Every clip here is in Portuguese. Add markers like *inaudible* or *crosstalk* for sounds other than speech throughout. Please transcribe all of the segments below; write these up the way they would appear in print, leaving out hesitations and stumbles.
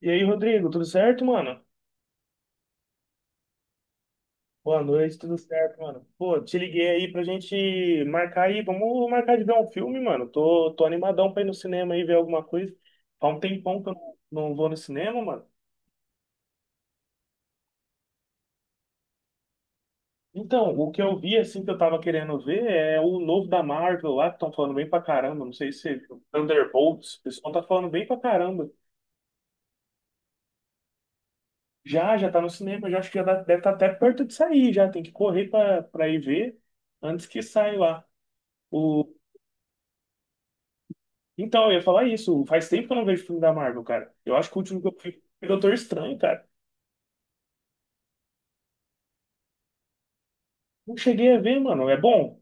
E aí, Rodrigo, tudo certo, mano? Boa noite, tudo certo, mano? Pô, te liguei aí pra gente marcar aí, vamos marcar de ver um filme, mano. Tô animadão pra ir no cinema aí ver alguma coisa. Faz um tempão que eu não vou no cinema, mano. Então, o que eu vi, assim, que eu tava querendo ver é o novo da Marvel lá, que estão falando bem pra caramba. Não sei se você viu. Thunderbolts, o pessoal tá falando bem pra caramba. Já tá no cinema, já acho que já deve estar até perto de sair, já. Tem que correr pra ir ver antes que saia lá. Então, eu ia falar isso. Faz tempo que eu não vejo filme da Marvel, cara. Eu acho que o último que eu vi foi Doutor Estranho, cara. Não cheguei a ver, mano. É bom?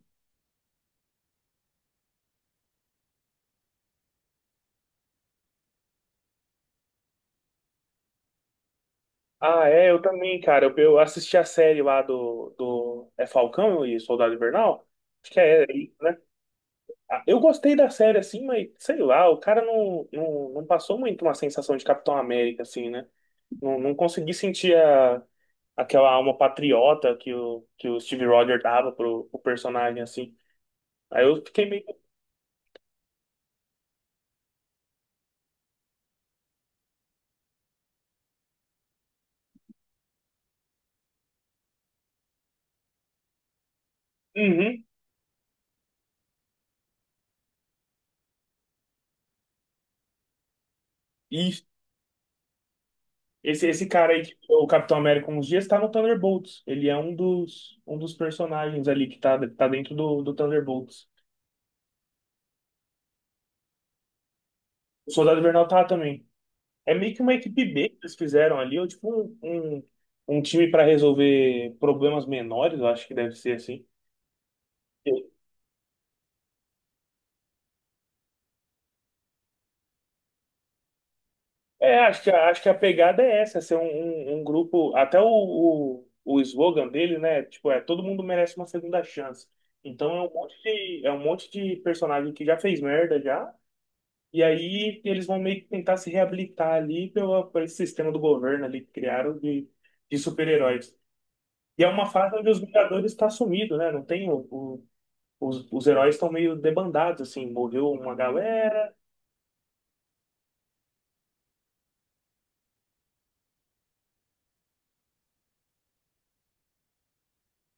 Ah, é, eu também, cara. Eu assisti a série lá do. É Falcão e Soldado Invernal? Acho que é isso, né? Ah, eu gostei da série, assim, mas sei lá, o cara não passou muito uma sensação de Capitão América, assim, né? Não consegui sentir a, aquela alma patriota que o Steve Rogers dava pro personagem, assim. Aí eu fiquei meio. Uhum. Esse cara aí, que virou o Capitão América uns dias, tá no Thunderbolts. Ele é um dos personagens ali que tá dentro do Thunderbolts. O Soldado Invernal tá também. É meio que uma equipe B que eles fizeram ali, ou tipo um, um time pra resolver problemas menores, eu acho que deve ser assim. É, acho que a pegada é essa, ser um grupo. Até o slogan dele, né? Tipo, é todo mundo merece uma segunda chance. Então é é um monte de personagem que já fez merda já. E aí eles vão meio que tentar se reabilitar ali por esse sistema do governo ali que criaram de super-heróis. E é uma fase onde os Vingadores estão sumidos, né? Não tem os heróis estão meio debandados, assim, morreu uma galera.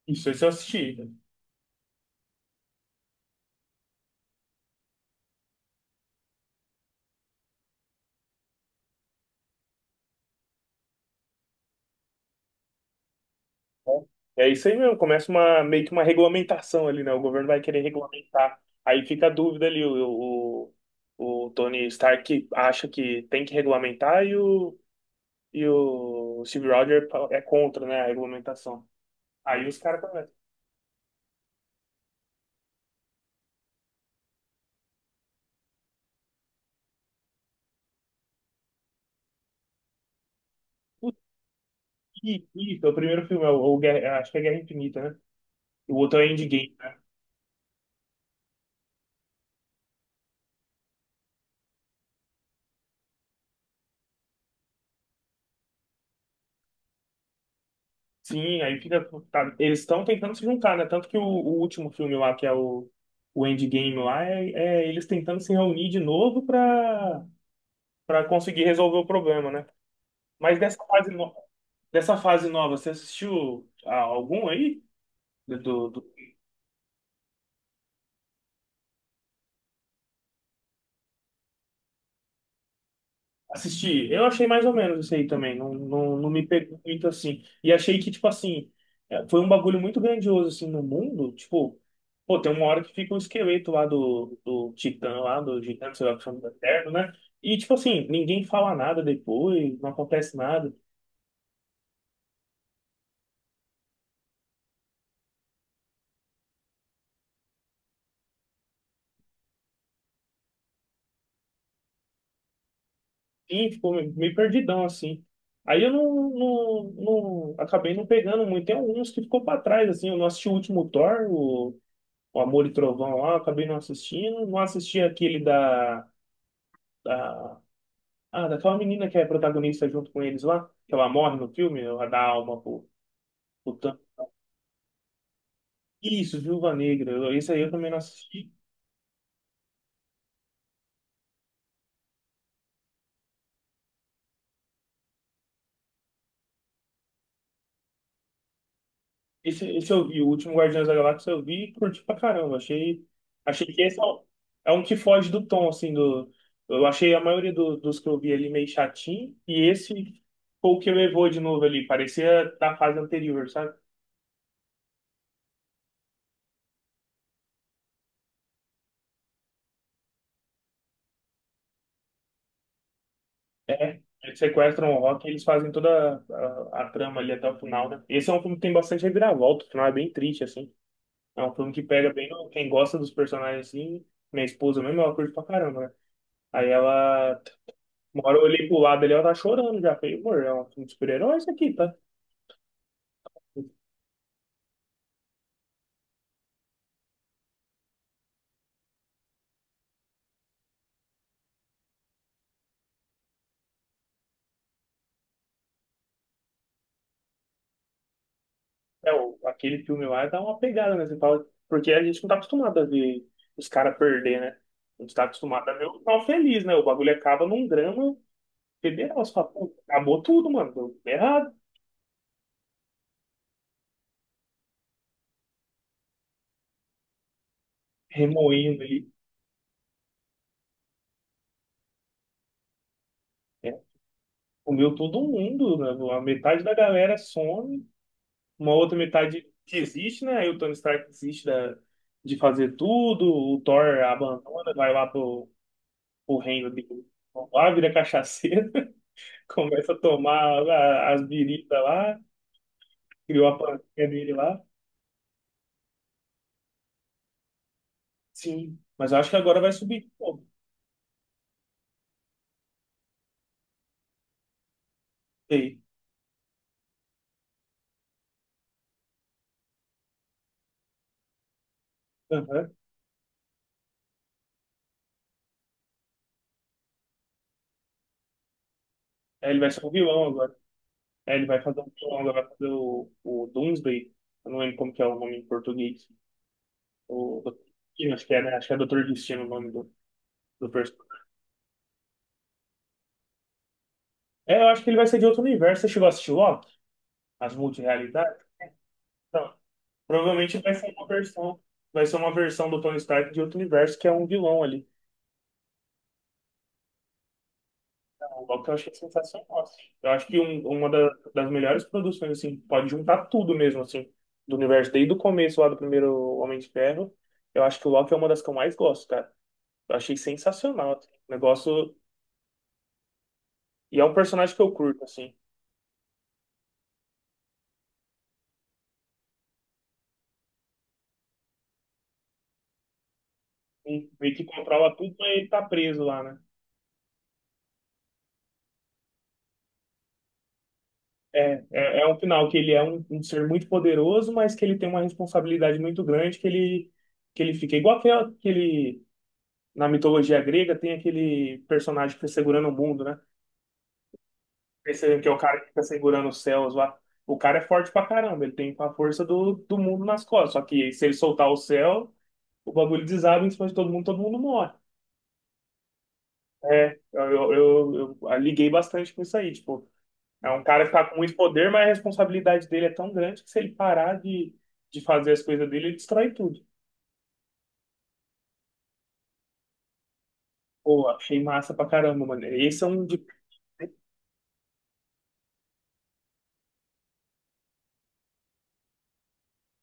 Isso eu assisti, né? É isso aí mesmo, começa uma, meio que uma regulamentação ali, né? O governo vai querer regulamentar. Aí fica a dúvida ali, o Tony Stark acha que tem que regulamentar e o Steve Rogers é contra, né, a regulamentação. Aí os caras também. O que. O primeiro filme, é acho que é Guerra Infinita, né? O outro é Endgame, né? Sim, aí fica. Tá, eles estão tentando se juntar, né? Tanto que o último filme lá, que é o Endgame lá, é, é eles tentando se reunir de novo pra, pra conseguir resolver o problema, né? Mas dessa fase, dessa fase nova, você assistiu algum aí? Do. Assisti. Eu achei mais ou menos isso aí também. Não me pegou muito assim. E achei que, tipo assim, é, foi um bagulho muito grandioso, assim, no mundo. Tipo, pô, tem uma hora que fica o esqueleto lá do Titã, lá do gigante, sei lá, que chama do Eterno, né? E, tipo assim, ninguém fala nada depois, não acontece nada. E ficou meio meio perdidão, assim. Aí eu acabei não pegando muito. Tem alguns que ficou pra trás, assim. Eu não assisti o último Thor, o Amor e Trovão lá, eu acabei não assistindo. Não assisti aquele da. Da, ah, daquela menina que é protagonista junto com eles lá, que ela morre no filme, ela dá alma pro Thanos. Isso, Viúva Negra. Eu- esse aí eu também não assisti. Esse eu vi, o último Guardiões da Galáxia eu vi e curti pra caramba. Achei que esse é é um que foge do tom, assim, do. Eu achei a maioria dos que eu vi ali meio chatinho, e esse foi o que levou de novo ali. Parecia da fase anterior, sabe? É, eles sequestram o Rock e eles fazem toda a trama ali até o final, né? Esse é um filme que tem bastante reviravolta, o final é bem triste, assim. É um filme que pega bem quem gosta dos personagens, assim. Minha esposa mesmo, ela curte pra caramba, né? Aí ela, uma hora eu olhei pro lado ali, ela tá chorando já. Falei, amor, é um filme de super-herói isso aqui, tá? É, aquele filme lá dá uma pegada, né? Você fala, porque a gente não tá acostumado a ver os caras perder, né? A gente tá acostumado a ver o final feliz, né? O bagulho acaba num drama federal. Você fala, pô, acabou tudo, mano. Deu errado. Remoendo ali, né? Comeu todo mundo, né? A metade da galera some, uma outra metade que existe né? Aí o Tony Stark desiste da, de fazer tudo, o Thor abandona, vai lá pro, pro reino de lá, vira cachaceiro, *laughs* começa a tomar as biritas lá, criou a panquinha dele lá. Sim, mas eu acho que agora vai subir de novo. Ei, aham. Aí ele vai ser o vilão agora. Aí ele vai fazer um vilão, agora vai fazer o Doomsday. Eu não lembro como que é o nome em português. O Destino, acho que é, né? Acho que é Doutor Destino o nome do personagem. É, eu acho que ele vai ser de outro universo. Você chegou a assistir Loki? As multirrealidades então. Provavelmente vai ser uma versão. Vai ser uma versão do Tony Stark de outro universo que é um vilão ali. O Loki eu achei sensacional, assim. Eu acho que uma das melhores produções, assim, pode juntar tudo mesmo, assim, do universo, desde o começo lá do primeiro Homem de Ferro. Eu acho que o Loki é uma das que eu mais gosto, cara. Eu achei sensacional, assim, o negócio. E é um personagem que eu curto, assim. Sim, meio que controla tudo, mas ele tá preso lá, né? É um final que ele é um ser muito poderoso, mas que ele tem uma responsabilidade muito grande, que ele fica igual aquele, na mitologia grega, tem aquele personagem que fica segurando o mundo, né? Percebendo que é o cara que fica segurando os céus lá. O cara é forte pra caramba, ele tem a força do mundo nas costas. Só que se ele soltar o céu, o bagulho desaba em cima de todo mundo morre. É, eu liguei bastante com isso aí, tipo. É um cara que tá com muito poder, mas a responsabilidade dele é tão grande que se ele parar de fazer as coisas dele, ele destrói tudo. Pô, achei massa pra caramba, mano. Esse é um de.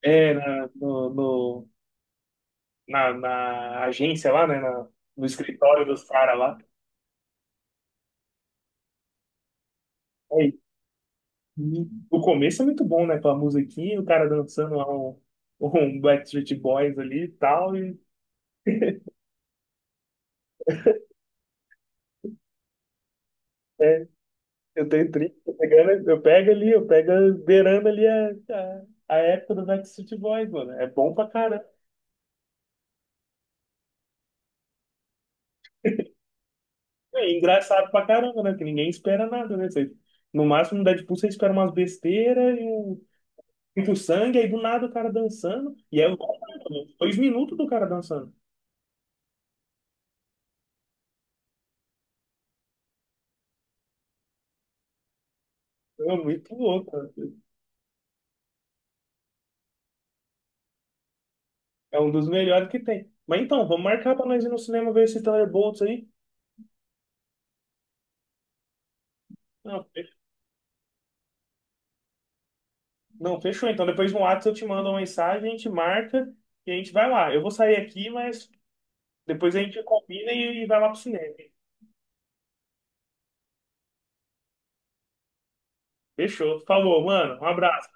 É, na, no, no- na, na agência lá, né? No escritório dos caras lá. É, e o começo é muito bom, né? Com a musiquinha, o cara dançando lá um Backstreet Boys ali e tal. E é, eu tenho 30, eu pego ali, eu pego beirando ali a época do Backstreet Boys, mano. É bom pra caramba. É engraçado pra caramba, né? Que ninguém espera nada, né? Você- no máximo, no Deadpool, você espera umas besteiras e muito sangue, aí do nada o cara dançando. E é louco, né? *laughs* 2 minutos do cara dançando. É muito louco, cara. É um dos melhores que tem. Mas então, vamos marcar pra nós ir no cinema ver esse Thunderbolts aí? Não, fe- não, fechou. Então, depois no WhatsApp eu te mando uma mensagem, a gente marca e a gente vai lá. Eu vou sair aqui, mas depois a gente combina e vai lá pro cinema. Fechou. Falou, mano. Um abraço.